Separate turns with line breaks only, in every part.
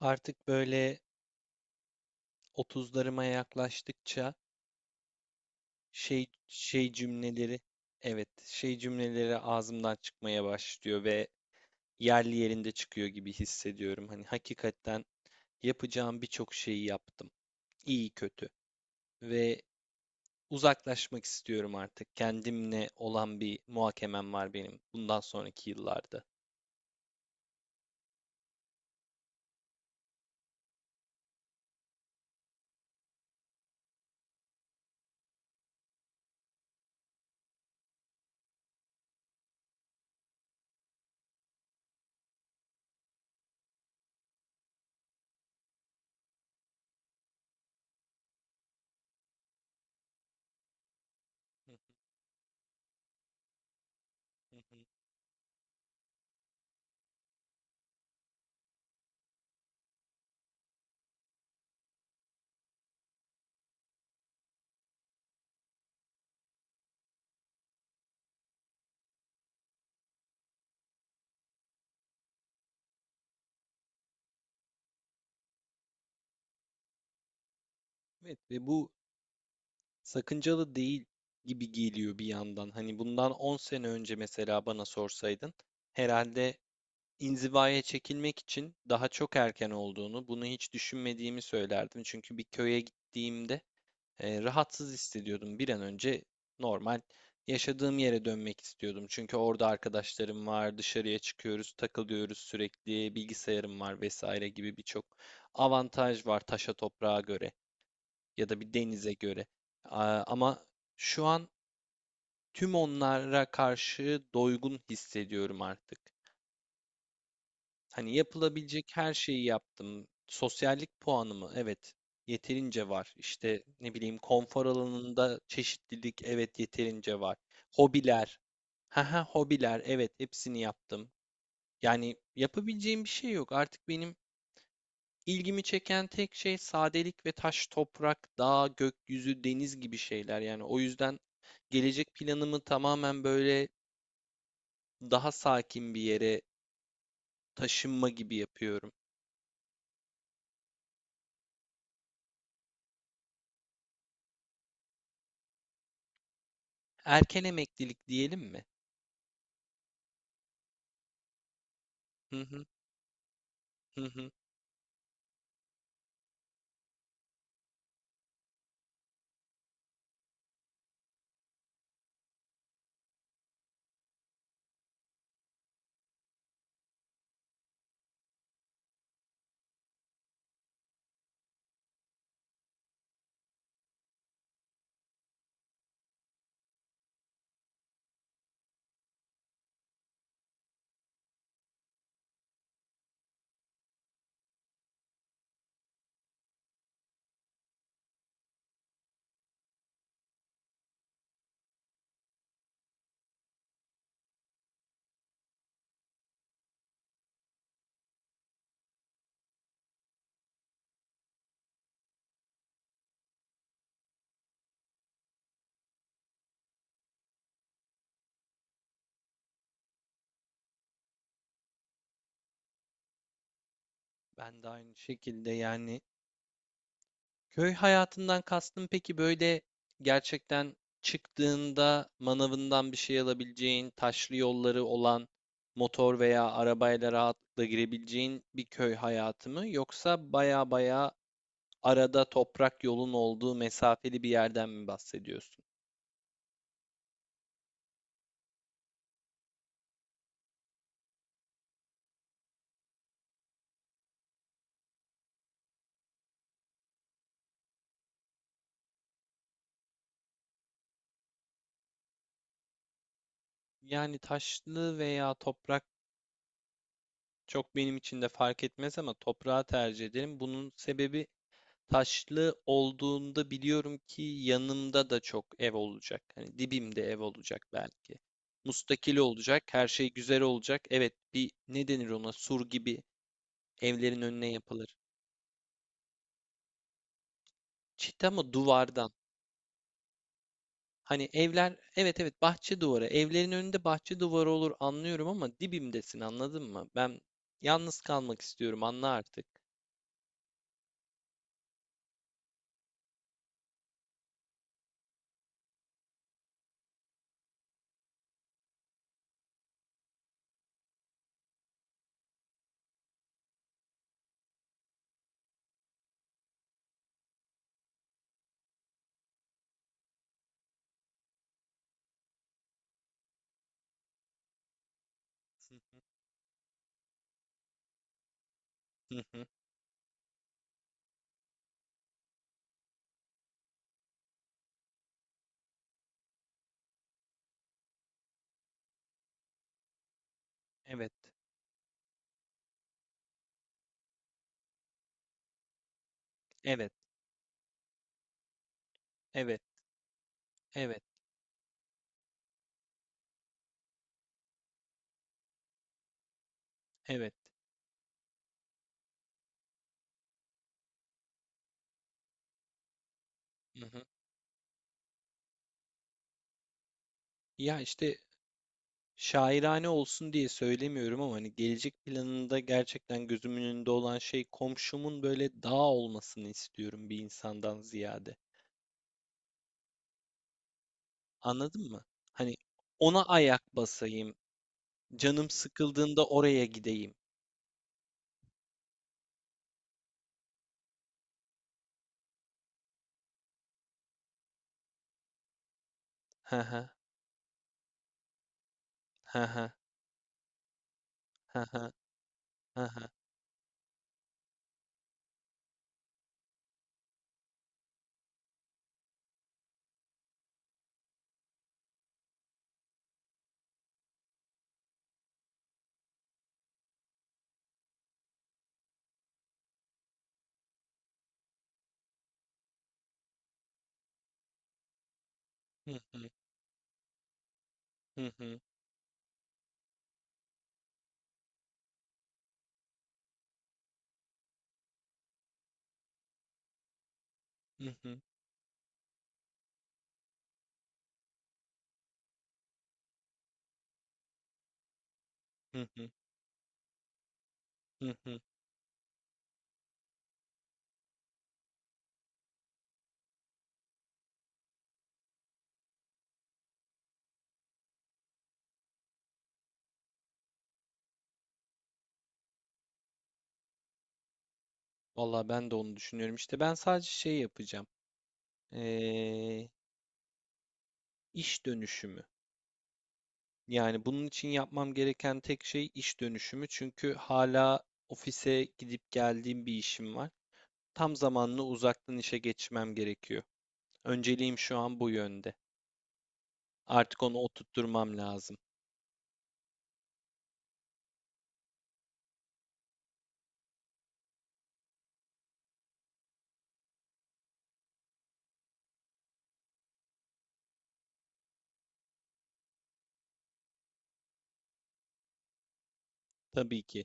Artık böyle 30'larıma yaklaştıkça şey şey cümleleri evet şey cümleleri ağzımdan çıkmaya başlıyor ve yerli yerinde çıkıyor gibi hissediyorum. Hani hakikaten yapacağım birçok şeyi yaptım. İyi kötü ve uzaklaşmak istiyorum artık. Kendimle olan bir muhakemem var benim bundan sonraki yıllarda. Evet ve bu sakıncalı değil gibi geliyor bir yandan. Hani bundan 10 sene önce mesela bana sorsaydın, herhalde inzivaya çekilmek için daha çok erken olduğunu, bunu hiç düşünmediğimi söylerdim. Çünkü bir köye gittiğimde rahatsız hissediyordum. Bir an önce normal yaşadığım yere dönmek istiyordum. Çünkü orada arkadaşlarım var, dışarıya çıkıyoruz, takılıyoruz sürekli, bilgisayarım var vesaire gibi birçok avantaj var taşa toprağa göre ya da bir denize göre. Ama şu an tüm onlara karşı doygun hissediyorum artık. Hani yapılabilecek her şeyi yaptım. Sosyallik puanımı, evet, yeterince var. İşte ne bileyim, konfor alanında çeşitlilik, evet, yeterince var. Hobiler. Haha, hobiler, evet, hepsini yaptım. Yani yapabileceğim bir şey yok artık benim. İlgimi çeken tek şey sadelik ve taş, toprak, dağ, gökyüzü, deniz gibi şeyler. Yani o yüzden gelecek planımı tamamen böyle daha sakin bir yere taşınma gibi yapıyorum. Erken emeklilik diyelim mi? Hı hı, hı hı. Ben de aynı şekilde. Yani, köy hayatından kastın peki böyle gerçekten çıktığında manavından bir şey alabileceğin, taşlı yolları olan, motor veya arabayla rahatlıkla girebileceğin bir köy hayatı mı? Yoksa baya baya arada toprak yolun olduğu mesafeli bir yerden mi bahsediyorsun? Yani taşlı veya toprak çok benim için de fark etmez ama toprağı tercih ederim. Bunun sebebi, taşlı olduğunda biliyorum ki yanımda da çok ev olacak. Hani dibimde ev olacak belki. Mustakil olacak, her şey güzel olacak. Evet, bir ne denir ona? Sur gibi evlerin önüne yapılır. Çit ama duvardan. Hani evler, evet, evet, bahçe duvarı. Evlerin önünde bahçe duvarı olur, anlıyorum, ama dibimdesin, anladın mı? Ben yalnız kalmak istiyorum, anla artık. Hı hı, hı hı. Evet, evet, evet, evet, evet. Hı hı. Ya işte, şairane olsun diye söylemiyorum ama hani gelecek planında gerçekten gözümün önünde olan şey, komşumun böyle dağ olmasını istiyorum bir insandan ziyade. Anladın mı? Hani ona ayak basayım, canım sıkıldığında oraya gideyim. Hı hı, hı hı, hı hı, hı hı, hı hı, hı hı, hı hı, hı hı, hı hı. Vallahi ben de onu düşünüyorum. İşte ben sadece şey yapacağım. Ee, iş dönüşümü. Yani bunun için yapmam gereken tek şey iş dönüşümü. Çünkü hala ofise gidip geldiğim bir işim var. Tam zamanlı uzaktan işe geçmem gerekiyor. Önceliğim şu an bu yönde. Artık onu oturtturmam lazım. Tabii ki.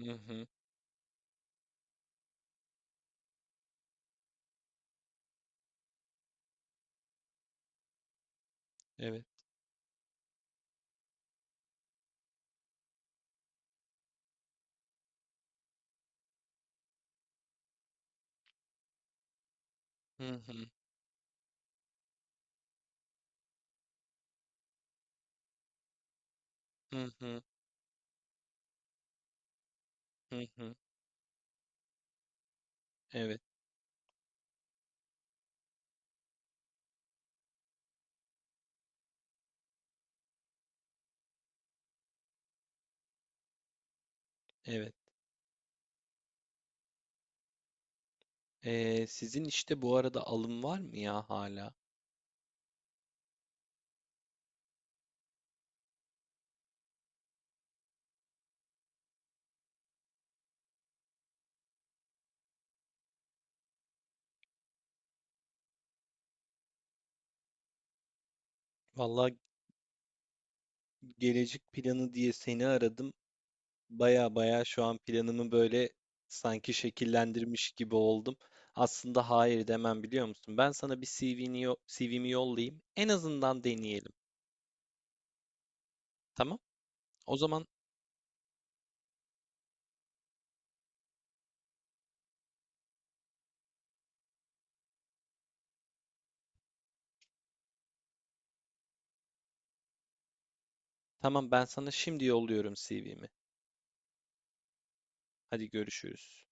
Hı hı. Evet. Hı hı. Hı hı. Hı hı. Evet. Evet. Sizin işte bu arada alım var mı ya hala? Vallahi gelecek planı diye seni aradım. Baya baya şu an planımı böyle sanki şekillendirmiş gibi oldum. Aslında hayır demem, biliyor musun? Ben sana bir CV'mi yollayayım. En azından deneyelim. Tamam? O zaman tamam, ben sana şimdi yolluyorum CV'mi. Hadi görüşürüz.